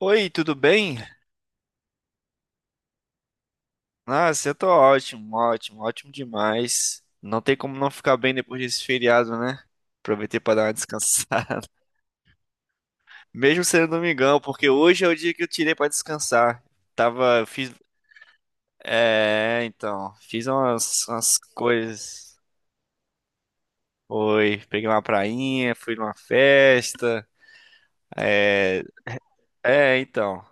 Oi, tudo bem? Nossa, eu tô ótimo, ótimo, ótimo demais. Não tem como não ficar bem depois desse feriado, né? Aproveitei pra dar uma descansada. Mesmo sendo domingão, porque hoje é o dia que eu tirei pra descansar. Tava, eu fiz, fiz umas coisas. Oi, peguei uma prainha, fui numa festa, é, É, então.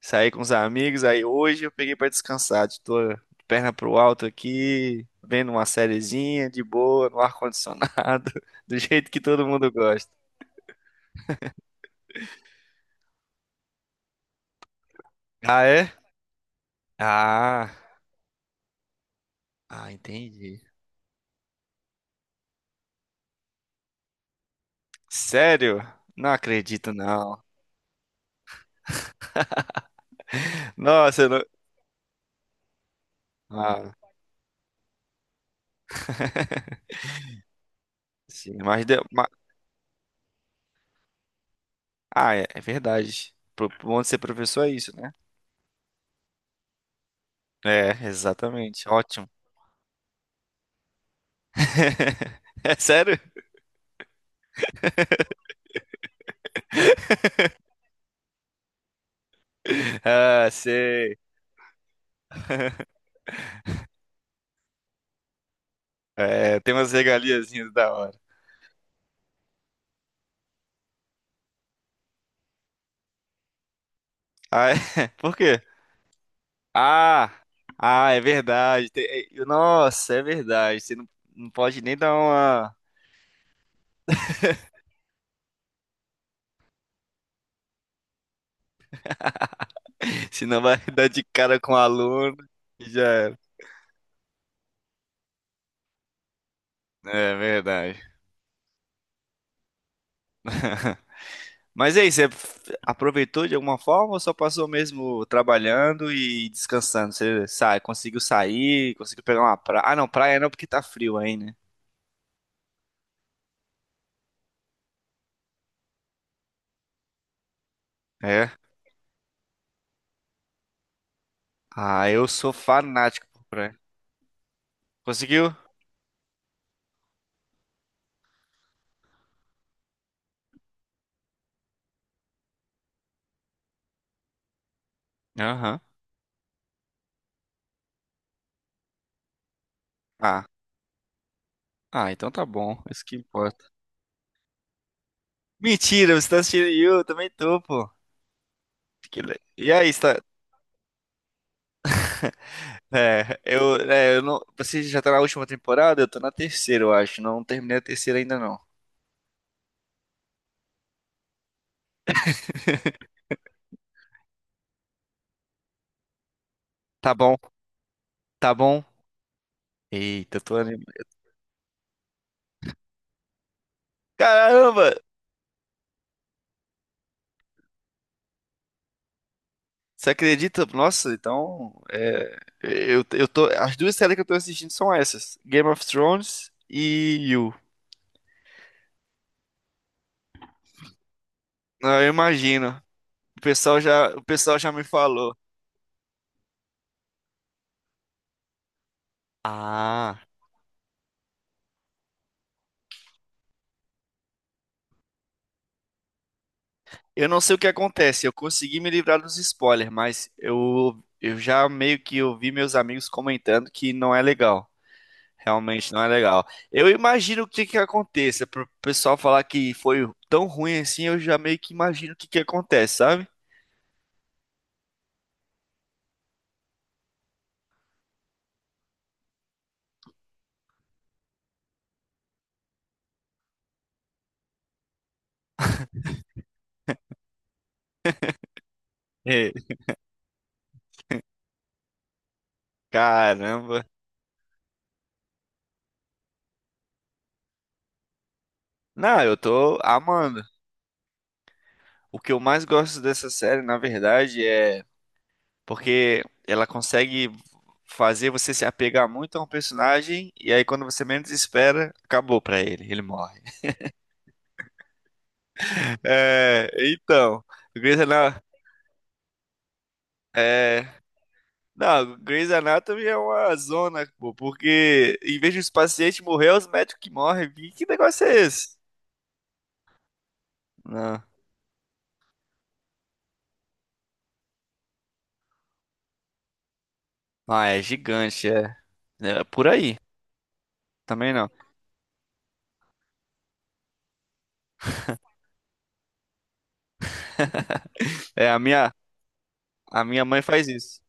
Saí com os amigos, aí hoje eu peguei pra descansar. Tô de perna pro alto aqui, vendo uma sériezinha de boa, no ar-condicionado, do jeito que todo mundo gosta. Ah, é? Ah, ah, entendi. Sério? Não acredito, não. Nossa, eu não... Ah, sim, Ah, é, é verdade. Pro- pro Bom de ser professor é isso, né? É, exatamente. Ótimo. É sério? Ah, sei. É, tem umas regaliazinhas da hora. Ah, é? Por quê? Ah, ah, é verdade. Nossa, é verdade. Você não, Não pode nem dar uma. Senão vai dar de cara com o aluno e já era. É verdade. Mas é isso, você aproveitou de alguma forma ou só passou mesmo trabalhando e descansando? Você sai, conseguiu sair, conseguiu pegar uma praia. Ah, não, praia não, porque tá frio aí, né? É. Ah, eu sou fanático por praia. Conseguiu? Aham. Ah. Ah, então tá bom. Isso que importa. Mentira, você tá assistindo You? Eu também tô, pô. E aí, está... é, eu não... Você já tá na última temporada? Eu tô na terceira, eu acho. Não terminei a terceira ainda, não. Tá bom, tá bom. Eita, eu tô animado. Caramba! Você acredita? Nossa, então... As duas séries que eu tô assistindo são essas. Game of Thrones e You. Ah, eu imagino. O pessoal já me falou. Ah, eu não sei o que acontece, eu consegui me livrar dos spoilers, mas eu já meio que ouvi meus amigos comentando que não é legal. Realmente não é legal. Eu imagino o que que aconteça. Pro pessoal falar que foi tão ruim assim, eu já meio que imagino o que que acontece, sabe? É, caramba. Não, eu tô amando. O que eu mais gosto dessa série, na verdade, é porque ela consegue fazer você se apegar muito a um personagem e aí quando você menos espera, acabou pra ele, ele morre. É, então, Grey's Anatomy, é, não, Grey's Anatomy é uma zona, pô, porque em vez de os pacientes morrer, é os médicos que morrem. Que negócio é esse? Não. Ah, é gigante, é. É por aí. Também não. É, a minha, a minha mãe faz isso.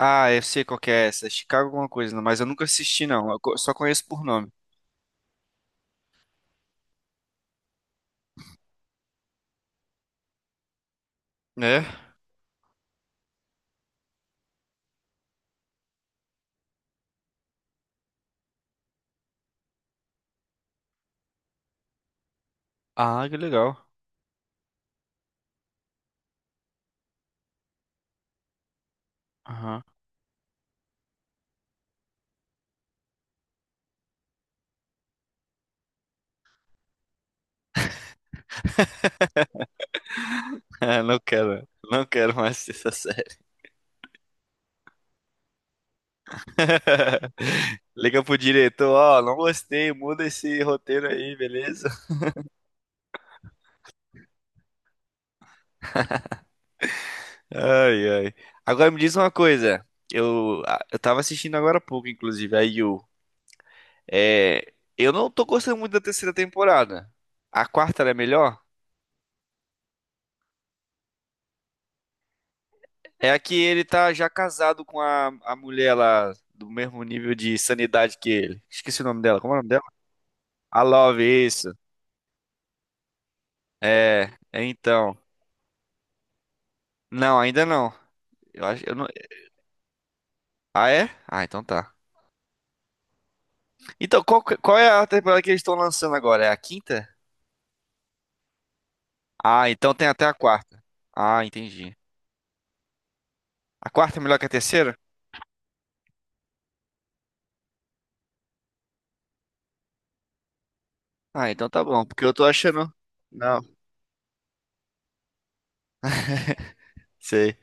Ah, eu sei qual que é essa. É Chicago alguma coisa, não, mas eu nunca assisti, não. Só conheço por nome. É? Ah, que legal. Aham. É, não quero mais essa série. Liga pro diretor, ó, não gostei, muda esse roteiro aí, beleza? Ai, ai. Agora me diz uma coisa. Eu tava assistindo agora há pouco, inclusive, a Yu. É, eu não tô gostando muito da terceira temporada. A quarta ela é melhor? É a que ele tá já casado com a mulher lá, do mesmo nível de sanidade que ele. Esqueci o nome dela. Como é o nome dela? A Love, isso. É, é então. Não, ainda não. Eu acho, eu não... Ah, é? Ah, então tá. Então, qual é a temporada que eles estão lançando agora? É a quinta? Ah, então tem até a quarta. Ah, entendi. A quarta é melhor que a terceira? Ah, então tá bom, porque eu tô achando. Não, sei.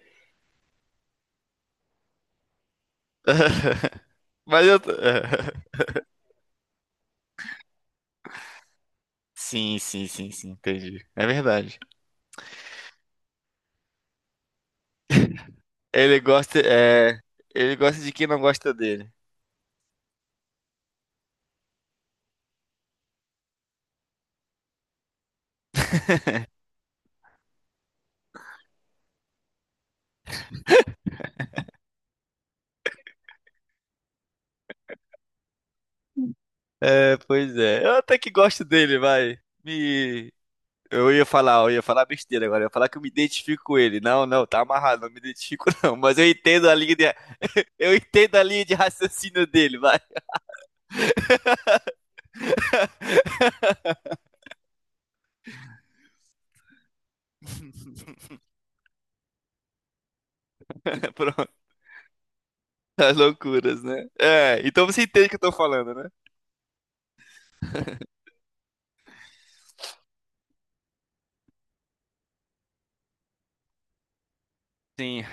Mas eu tô... Sim, sim, sim, sim, entendi. É verdade. Ele gosta, é... Ele gosta de quem não gosta dele. É, pois é. Eu até que gosto dele, vai. Me... eu ia falar besteira agora. Eu ia falar que eu me identifico com ele. Não, não, tá amarrado, não me identifico não. Mas eu entendo a linha, de... Eu entendo a linha de raciocínio dele, vai. Pronto. As loucuras, né? É, então você entende o que eu tô falando, né? Sim.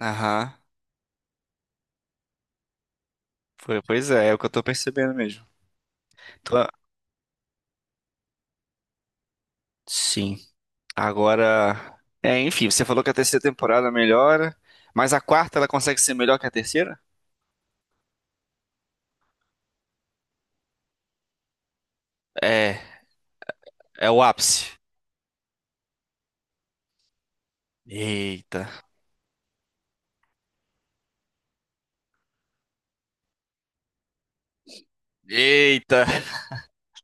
Aham. Pois é, é o que eu tô percebendo mesmo. Então, sim. Agora. É, enfim, você falou que a terceira temporada melhora, mas a quarta ela consegue ser melhor que a terceira? É, é o ápice. Eita. Eita.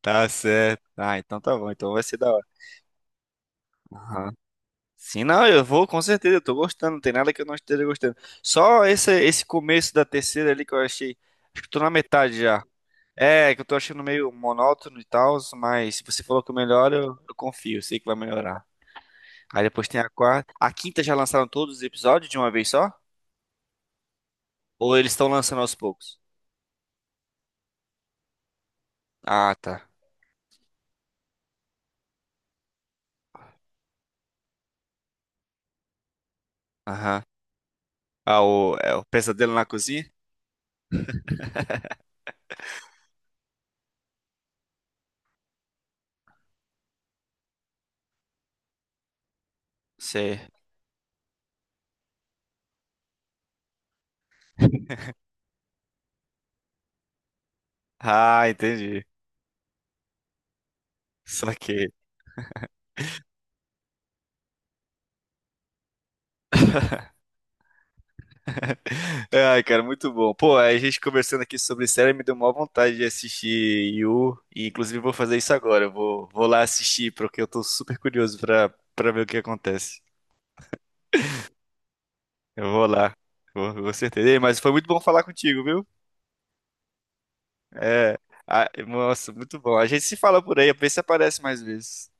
Tá certo. Ah, então tá bom, então vai ser da hora. Aham. Sim, não, eu vou com certeza, eu tô gostando, não tem nada que eu não esteja gostando. Só esse começo da terceira ali que eu achei, acho que eu tô na metade já. É, que eu tô achando meio monótono e tal, mas se você falou que melhora, eu confio, sei que vai melhorar. Aí depois tem a quarta. A quinta já lançaram todos os episódios de uma vez só? Ou eles estão lançando aos poucos? Ah, tá. Aham. Ah, o, é o pesadelo na cozinha? Sei. Ah, entendi. Só que ai, cara, muito bom. Pô, a gente conversando aqui sobre série me deu maior vontade de assistir Yu, e inclusive vou fazer isso agora. Vou lá assistir, porque eu tô super curioso pra ver o que acontece. Eu vou lá, vou, com certeza. Ei, mas foi muito bom falar contigo, viu? É, ah, nossa, muito bom. A gente se fala por aí, vê se aparece mais vezes.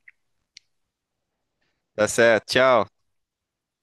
Tá certo, tchau.